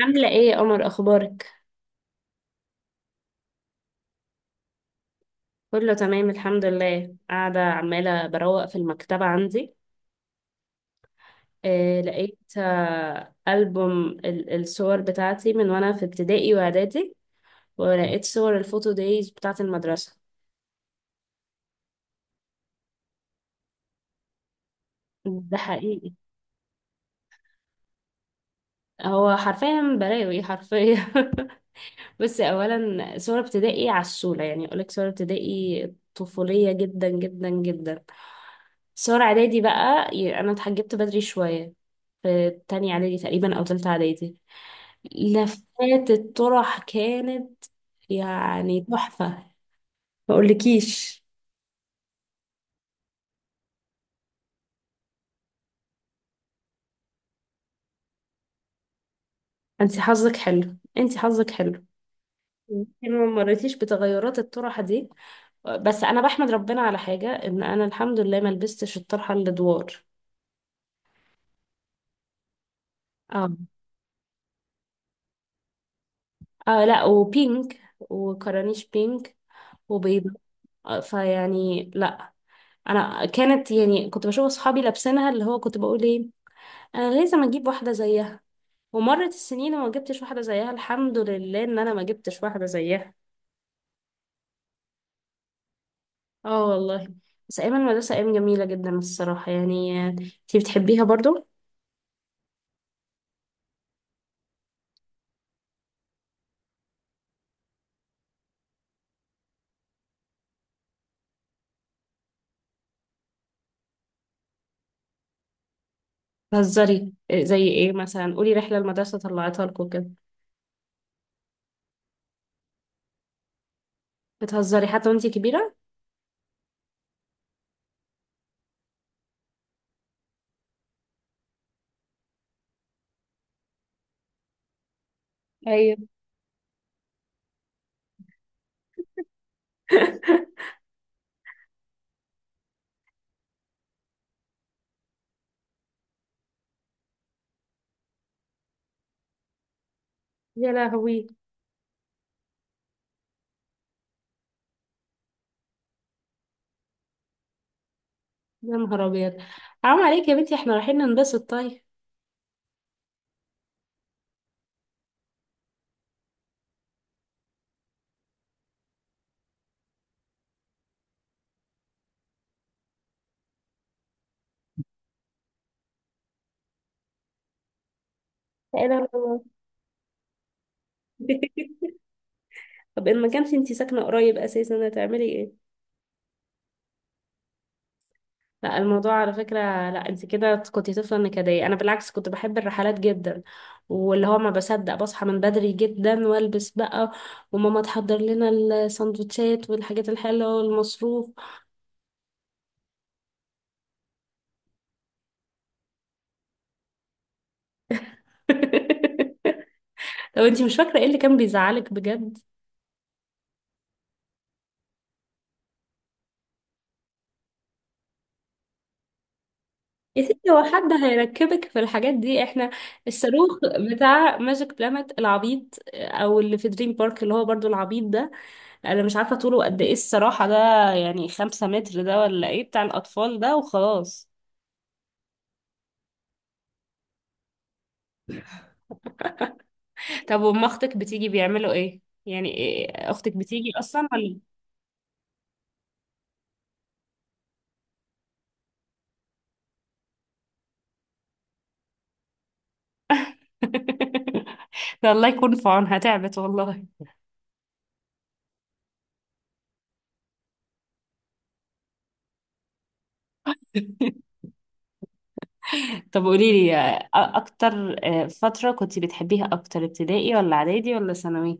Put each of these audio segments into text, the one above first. عاملة ايه يا قمر اخبارك؟ كله تمام الحمد لله، قاعدة عمالة بروق في المكتبة عندي. لقيت ألبوم الصور بتاعتي من وانا في ابتدائي واعدادي. ولقيت صور الفوتو دايز بتاعت المدرسة. ده حقيقي. هو حرفيا بلاوي حرفيا. بس اولا صور ابتدائي عسولة، يعني اقولك صور ابتدائي طفولية جدا جدا جدا. صور اعدادي بقى انا اتحجبت بدري شوية، في تانية اعدادي تقريبا او تالتة اعدادي. لفات الطرح كانت، يعني تحفة. ما اقولكيش. انت حظك حلو، انت حظك حلو. يمكن ما مريتيش بتغيرات الطرحة دي. بس انا بحمد ربنا على حاجة، ان انا الحمد لله ما لبستش الطرحة اللي دوار. اه. اه لا، وبينك وكرانيش بينك وبيضة. فيعني لا. انا كانت يعني كنت بشوف اصحابي لابسينها، اللي هو كنت بقول ايه، انا لازم اجيب واحدة زيها. ومرت السنين وما جبتش واحدة زيها، الحمد لله ان انا ما جبتش واحدة زيها. اه والله. بس ايام المدرسة ايام جميلة جدا الصراحة، يعني انتي بتحبيها برضو؟ بتهزري إيه؟ زي ايه مثلا؟ قولي رحلة المدرسة طلعتها لكم كده. بتهزري حتى وانتي كبيرة؟ ايوه. يا لهوي. يا نهار ابيض. حرام عليك يا بنتي، احنا رايحين ننبسط طيب. لا لا لا. طب ان ما كانش انتي ساكنه قريب اساسا هتعملي ايه؟ لا الموضوع على فكره، لا انت كده كنت طفله نكديه. انا بالعكس كنت بحب الرحلات جدا، واللي هو ما بصدق بصحى من بدري جدا والبس بقى، وماما تحضر لنا السندوتشات والحاجات الحلوه والمصروف. طب انتي مش فاكره ايه اللي كان بيزعلك بجد؟ يا ستي هو حد هيركبك في الحاجات دي؟ احنا الصاروخ بتاع ماجيك بلانت العبيط، او اللي في دريم بارك اللي هو برضو العبيط ده، انا مش عارفة طوله قد ايه الصراحة ده، يعني 5 متر ده ولا ايه؟ بتاع الاطفال ده وخلاص. طب وام اختك بتيجي بيعملوا ايه؟ يعني إيه اختك بتيجي اصلا ولا؟ ده الله يكون في عونها، تعبت والله. طب قولي لي، اكتر فترة كنت بتحبيها اكتر، ابتدائي ولا اعدادي ولا ثانوي؟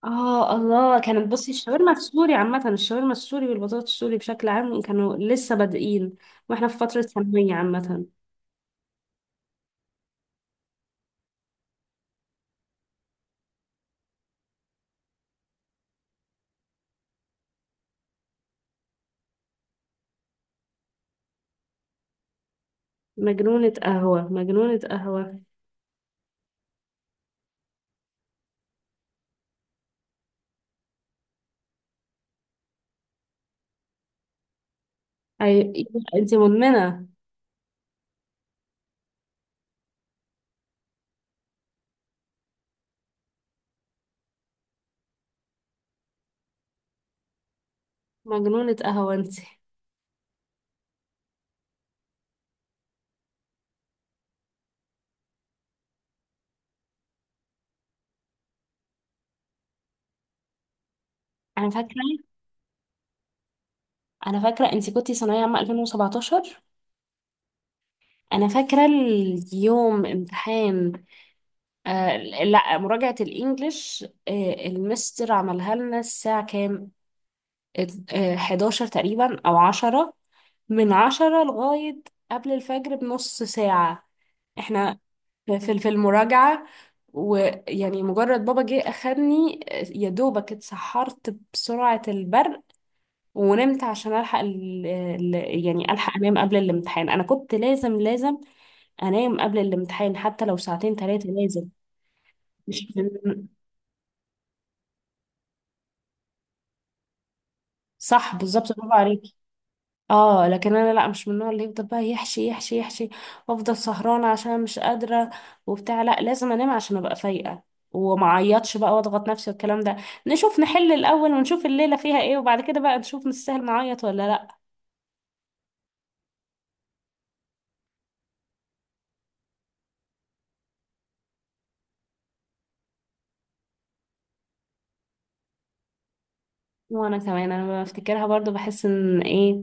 اه الله، كانت بصي الشاورما السوري عامة، الشاورما السوري والبطاطس السوري بشكل عام كانوا لسه بادئين واحنا في فترة ثانوية عامة. مجنونة قهوة، مجنونة قهوة. اي، انت مدمنة. مجنونة قهوة انت. انا فاكرة انا فاكرة انت كنتي ثانوية عامة 2017. انا فاكرة اليوم امتحان، آه لا، مراجعة الانجليش. المستر عملها لنا الساعة كام، 11 تقريبا او 10، من 10 لغاية قبل الفجر بنص ساعة احنا، في المراجعة. ويعني مجرد بابا جه أخدني، يا دوبك اتسحرت بسرعة البرق ونمت عشان ألحق ال ال يعني ألحق أنام قبل الامتحان. أنا كنت لازم لازم أنام قبل الامتحان، حتى لو 2 3 ساعات لازم. مش صح بالظبط، برافو عليك. اه لكن انا لا، مش من النوع اللي يفضل بقى يحشي يحشي يحشي وافضل سهرانه عشان مش قادره وبتاع. لا لازم انام عشان ابقى فايقه، وما اعيطش بقى واضغط نفسي والكلام ده. نشوف نحل الاول ونشوف الليله فيها ايه، وبعد كده بقى نشوف نستاهل نعيط ولا لا. وانا كمان، انا لما بفتكرها برضو بحس ان ايه،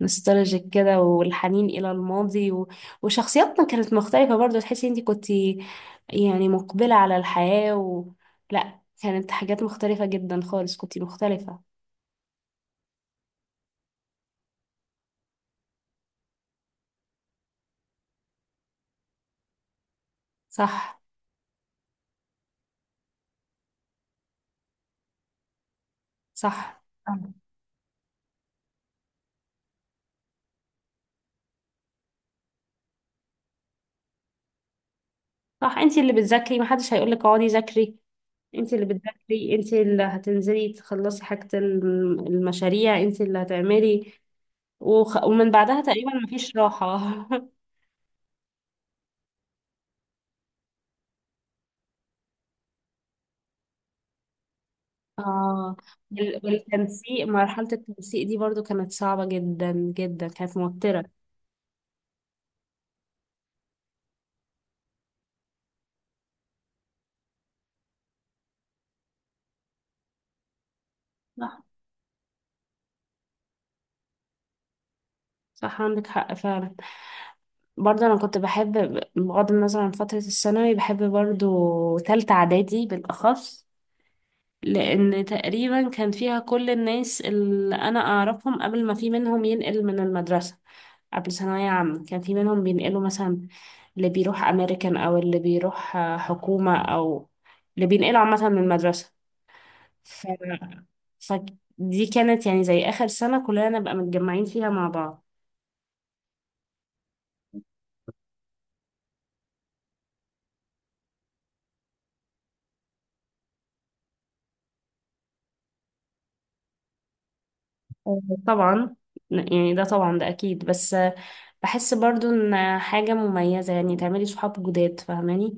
نوستالجيك كده والحنين الى الماضي. وشخصياتنا كانت مختلفه برضو، تحسي انتي كنتي يعني مقبله على الحياه. لا كانت حاجات مختلفه جدا خالص، كنتي مختلفه. صح. صح. صح، انت اللي بتذاكري، محدش هيقولك اقعدي ذاكري. انت اللي بتذاكري، انت اللي هتنزلي تخلصي حاجة، المشاريع انت اللي هتعملي. ومن بعدها تقريبا مفيش راحة. اه، والتنسيق، مرحلة التنسيق دي برضو كانت صعبة جدا جدا، كانت موترة. صح. صح، عندك حق فعلا. برضه انا كنت بحب، بغض النظر عن فترة الثانوي بحب برضو تالتة اعدادي بالاخص، لأن تقريبا كان فيها كل الناس اللي أنا أعرفهم قبل ما في منهم ينقل من المدرسة. قبل ثانوية عامة كان في منهم بينقلوا مثلا، اللي بيروح أمريكان أو اللي بيروح حكومة، أو اللي بينقلوا عامة من المدرسة. ف... فدي كانت يعني زي آخر سنة كلنا نبقى متجمعين فيها مع بعض. آه، طبعا. يعني ده طبعا ده أكيد، بس بحس برضو إن حاجة مميزة يعني تعملي صحاب جداد، فاهماني؟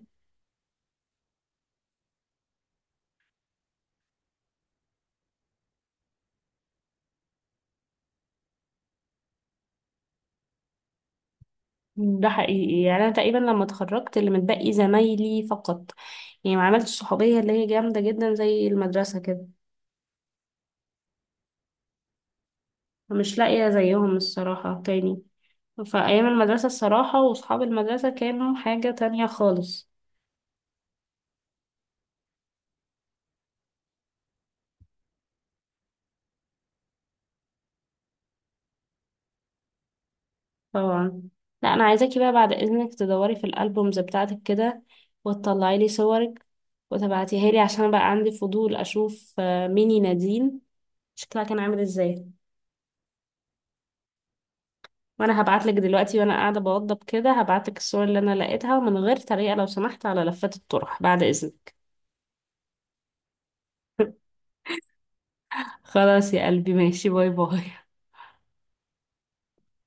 ده حقيقي، يعني انا تقريبا لما اتخرجت اللي متبقي زمايلي فقط، يعني ما عملتش صحوبيه اللي هي جامده جدا زي المدرسه كده. مش لاقيه زيهم الصراحه تاني. فايام المدرسه الصراحه واصحاب المدرسه كانوا حاجه تانية خالص. طبعا. لا انا عايزاكي بقى بعد اذنك تدوري في الالبومز بتاعتك كده، وتطلعي لي صورك وتبعتيها لي، عشان بقى عندي فضول اشوف ميني نادين شكلها كان عامل ازاي. وانا هبعتلك دلوقتي، وانا قاعدة بوضب كده هبعتلك الصور اللي انا لقيتها، من غير تريقة لو سمحت على لفات الطرح بعد اذنك. خلاص يا قلبي ماشي، باي باي.